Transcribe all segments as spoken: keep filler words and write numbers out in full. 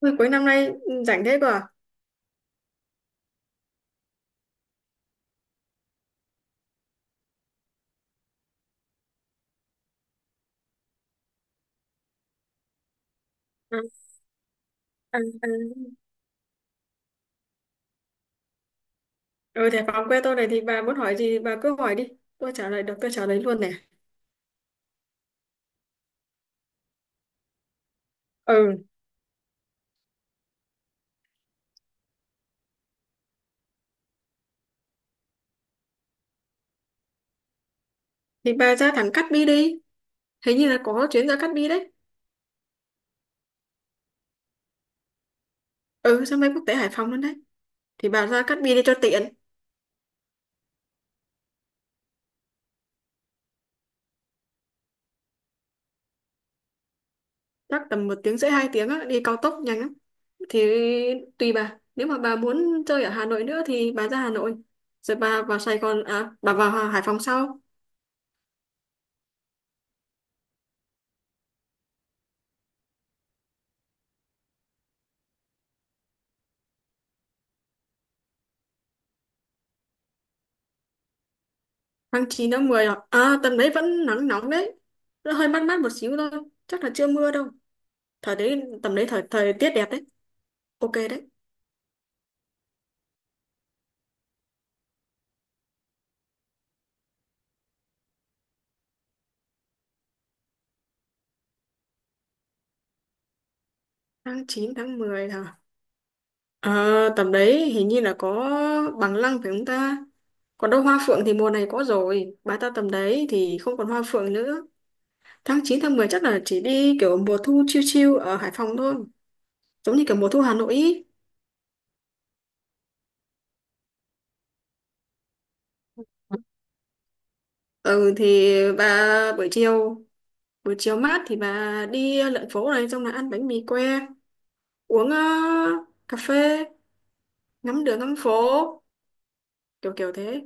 Ôi, cuối năm nay ừ, rảnh thế cơ à? Ừ, ừ, ừ. Ừ, thế phòng quê tôi này thì bà muốn hỏi gì bà cứ hỏi đi. Tôi trả lời được, tôi trả lời luôn này. Ừ, thì bà ra thẳng Cát Bi đi. Hình như là có chuyến ra Cát Bi đấy. Ừ, sân bay quốc tế Hải Phòng luôn đấy. Thì bà ra Cát Bi đi cho tiện. Chắc tầm một tiếng rưỡi hai tiếng á, đi cao tốc nhanh lắm. Thì tùy bà. Nếu mà bà muốn chơi ở Hà Nội nữa thì bà ra Hà Nội. Rồi bà vào Sài Gòn, à, bà vào Hải Phòng sau. Tháng chín tháng mười à? À, tầm đấy vẫn nắng nóng đấy. Nó hơi mát mát một xíu thôi. Chắc là chưa mưa đâu. Thời đấy, tầm đấy thời thời tiết đẹp đấy. Ok đấy. Tháng chín tháng mười hả? Ờ, tầm đấy hình như là có bằng lăng phải không ta? Còn đâu hoa phượng thì mùa này có rồi. Bà ta tầm đấy thì không còn hoa phượng nữa. Tháng chín tháng mười chắc là chỉ đi kiểu mùa thu chill chill ở Hải Phòng thôi. Giống như kiểu mùa thu Hà Nội ý. Ừ, thì bà buổi chiều buổi chiều mát thì bà đi lượn phố này, xong là ăn bánh mì que, uống ờ, cà phê, ngắm đường ngắm phố, kiểu kiểu thế.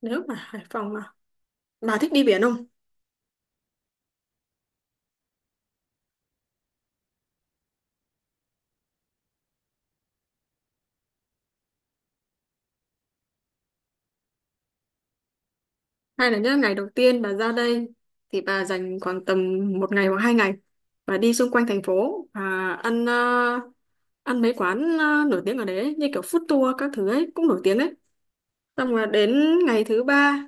Nếu mà Hải Phòng mà bà thích đi biển không? Hay là những ngày đầu tiên bà ra đây thì bà dành khoảng tầm một ngày hoặc hai ngày và đi xung quanh thành phố và ăn ờ, ăn mấy quán ờ, nổi tiếng ở đấy ấy, như kiểu food tour các thứ ấy cũng nổi tiếng đấy. Xong rồi đến ngày thứ ba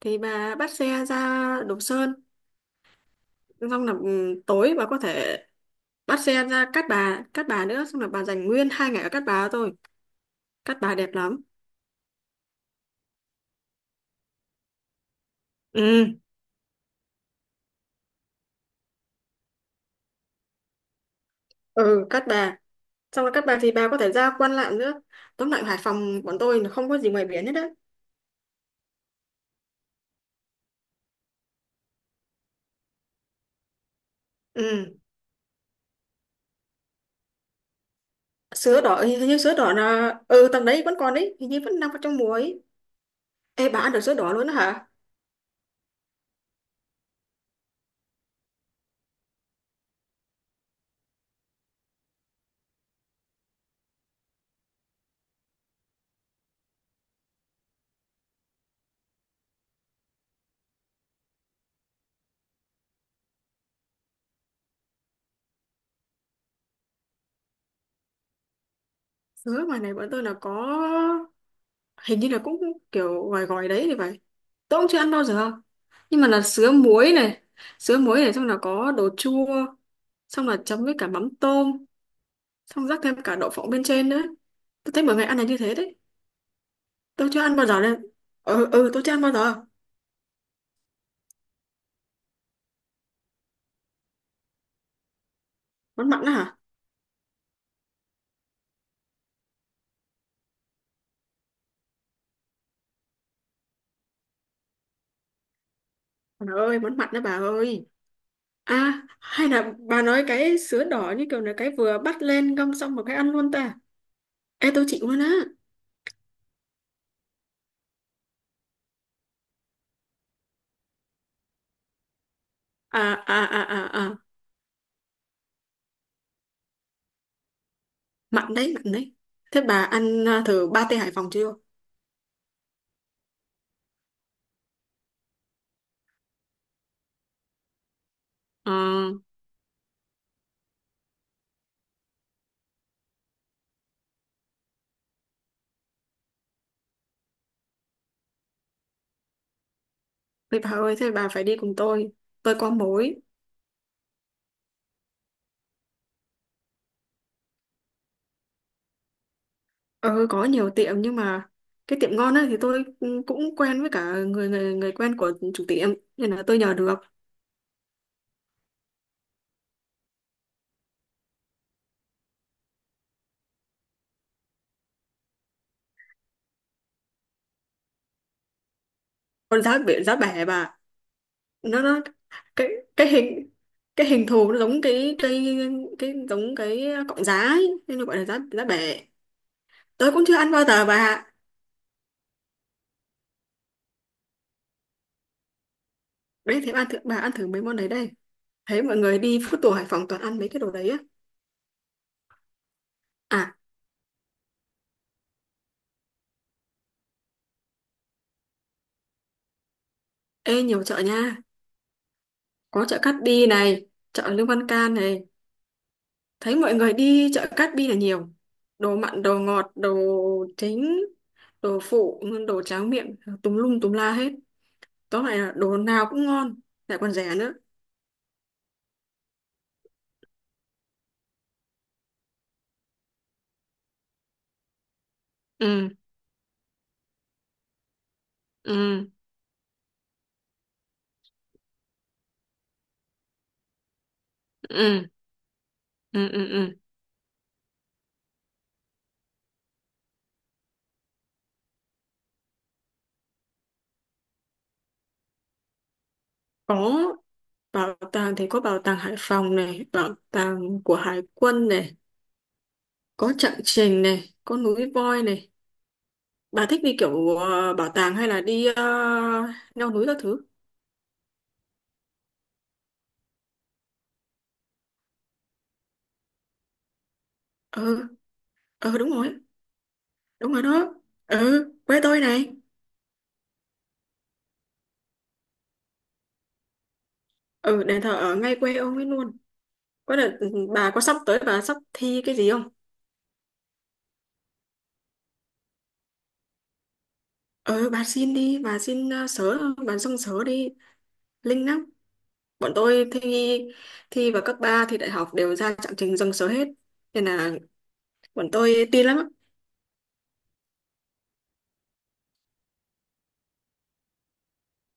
thì bà bắt xe ra Đồ Sơn, xong là ừ, tối bà có thể bắt xe ra Cát Bà Cát Bà nữa, xong là bà dành nguyên hai ngày ở Cát Bà thôi. Cát Bà đẹp lắm. Ừ, ừ, Cát Bà. Xong rồi Cát Bà thì bà có thể ra Quan Lạn nữa. Tóm lại Hải Phòng bọn tôi là không có gì ngoài biển hết đấy. Ừ. Sứa đỏ, hình hình như sứa đỏ là... Ừ, tầm đấy vẫn còn đấy. Hình như vẫn đang có trong mùa ấy. Ê, bà ăn được sứa đỏ luôn đó hả? Sứa ngoài này bọn tôi là có... Hình như là cũng kiểu gòi gòi đấy thì phải. Tôi cũng chưa ăn bao giờ. Nhưng mà là sứa muối này. Sứa muối này xong là có đồ chua. Xong là chấm với cả mắm tôm. Xong rắc thêm cả đậu phộng bên trên nữa. Tôi thấy mọi người ăn là như thế đấy. Tôi chưa ăn bao giờ nên ừ ừ tôi chưa ăn bao giờ. Món mặn đó hả? Bà ơi, món mặn đó bà ơi. À hay là bà nói cái sứa đỏ như kiểu là cái vừa bắt lên ngâm xong một cái ăn luôn ta? Ê, tôi chịu luôn á. À, à, à, à, à, mặn đấy, mặn đấy. Thế bà ăn à, thử ba tê Hải Phòng chưa? ờ Vậy bà ơi, thế bà phải đi cùng tôi tôi có mối. Ừ, có nhiều tiệm nhưng mà cái tiệm ngon á thì tôi ừ, cũng quen với cả người người người quen của chủ tiệm, nên là tôi nhờ được. Còn giá biển giá bẻ bà. Nó nó cái cái hình cái hình thù nó giống cái cây, cái giống cái cọng giá ấy. Nên nó gọi là giá giá bể. Tôi cũng chưa ăn bao giờ bà ạ. Đấy, thế bà ăn thử bà ăn thử mấy món đấy đây. Thấy mọi người đi food tour Hải Phòng toàn ăn mấy cái đồ đấy á. À, ê, nhiều chợ nha. Có chợ Cát Bi này, chợ Lương Văn Can này. Thấy mọi người đi chợ Cát Bi là nhiều, đồ mặn đồ ngọt, đồ chính đồ phụ, đồ tráng miệng tùm lum tùm la hết. Tóm lại là đồ nào cũng ngon, lại còn rẻ nữa. Ừ, ừ, ừ, ừ, ừ, ừ. Có, bảo tàng thì có bảo tàng Hải Phòng này, bảo tàng của Hải quân này, có Chặng Trình này, có núi voi này. Bà thích đi kiểu ờ, bảo tàng hay là đi ờ, leo núi các thứ? Ừ, ừ, đúng rồi. Đúng rồi đó. Ừ, quê tôi này. Ừ, đền thờ ở ngay quê ông ấy luôn. Có đợt ừ, bà có sắp tới bà sắp thi cái gì không? Ừ, bà xin đi, bà xin uh, sớ, bà xong sớ đi, linh lắm. Bọn tôi thi thi vào cấp ba thì đại học đều ra trạng trình dân số hết, nên là bọn tôi tin lắm á.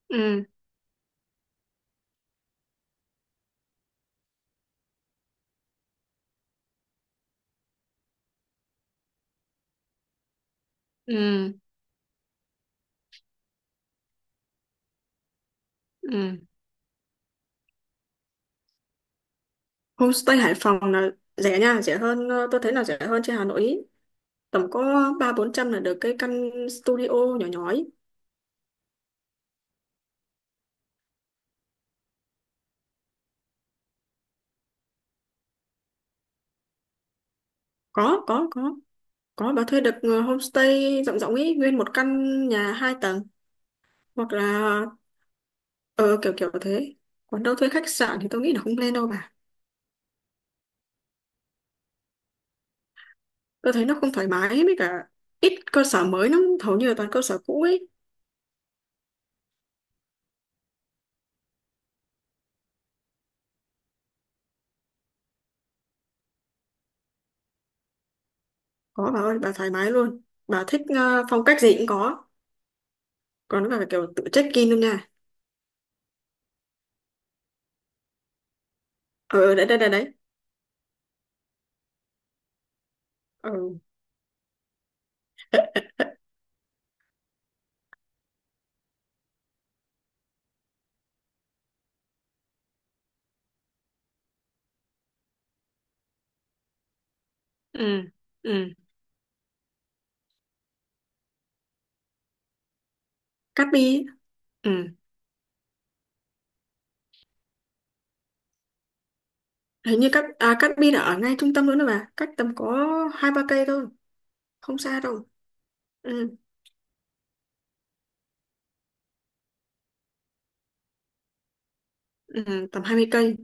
Ừ, ừ, ừ. Homestay Hải Phòng là rẻ nha, rẻ hơn ờ, tôi thấy là rẻ hơn trên Hà Nội ý. Tầm có ba bốn trăm là được cái căn studio nhỏ nhỏ ấy. có có có có bà thuê được ờ, homestay rộng rộng ấy, nguyên một căn nhà hai tầng, hoặc là ờ kiểu kiểu thế. Còn đâu thuê khách sạn thì tôi nghĩ là không lên đâu bà. Tôi thấy nó không thoải mái ấy, với cả ít cơ sở mới lắm, hầu như là toàn cơ sở cũ ấy. Có bà ơi, bà thoải mái luôn. Bà thích ờ, phong cách gì cũng có. Còn nó là kiểu tự check in luôn nha. Ờ, ờ, đấy đấy đấy đấy. Ờ. Ừ, ừ. Cát Bi. Ừ, hình như Cát à, Cát Bi là ở ngay trung tâm luôn đó bà, cách tầm có hai ba cây thôi, không xa đâu. Ừ, ừ, tầm hai mươi cây.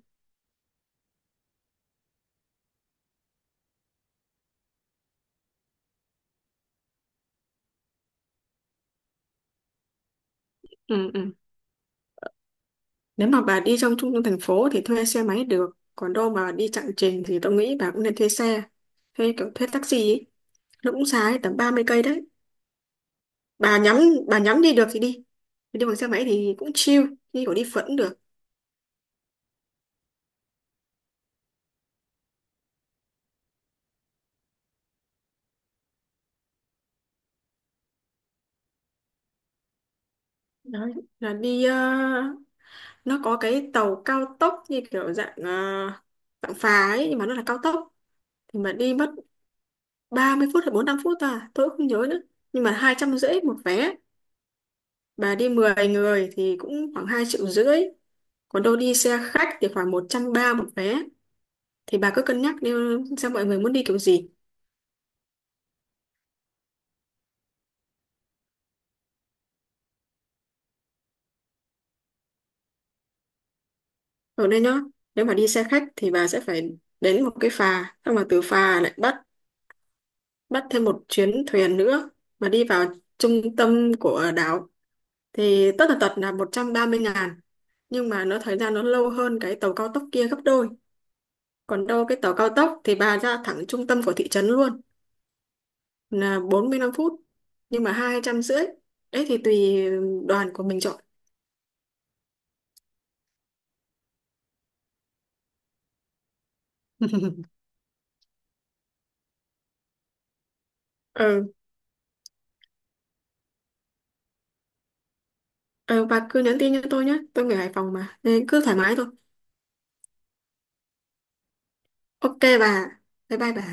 Ừ, ừ. Nếu mà bà đi trong trung tâm thành phố thì thuê xe máy được, còn đâu mà đi chặng trình thì tôi nghĩ bà cũng nên thuê xe thuê kiểu thuê taxi ấy. Nó cũng xa đấy, tầm ba mươi cây đấy. Bà nhắm bà nhắm đi được thì đi. Đi bằng xe máy thì cũng chill, đi kiểu đi phượt cũng được. Đấy là đi ờ, nó có cái tàu cao tốc như kiểu dạng ờ, dạng phà ấy nhưng mà nó là cao tốc. Thì mà đi mất ba mươi phút hay bốn lăm phút à, tôi cũng không nhớ nữa, nhưng mà hai trăm rưỡi một vé. Bà đi mười người thì cũng khoảng hai triệu rưỡi. Còn đâu đi xe khách thì khoảng một trăm ba một vé. Thì bà cứ cân nhắc đi, xem mọi người muốn đi kiểu gì. Ở đây nhá, nếu mà đi xe khách thì bà sẽ phải đến một cái phà, xong rồi từ phà lại bắt bắt thêm một chuyến thuyền nữa mà đi vào trung tâm của đảo, thì tất tần tật là một trăm ba mươi ngàn, nhưng mà nó thời gian nó lâu hơn cái tàu cao tốc kia gấp đôi. Còn đâu cái tàu cao tốc thì bà ra thẳng trung tâm của thị trấn luôn, là bốn mươi lăm phút nhưng mà hai trăm rưỡi. Đấy thì tùy đoàn của mình chọn. Ừ, ừ, bà cứ nhắn tin cho tôi nhé, tôi người Hải Phòng mà, nên cứ thoải mái thôi. Ok bà, bye bye bà.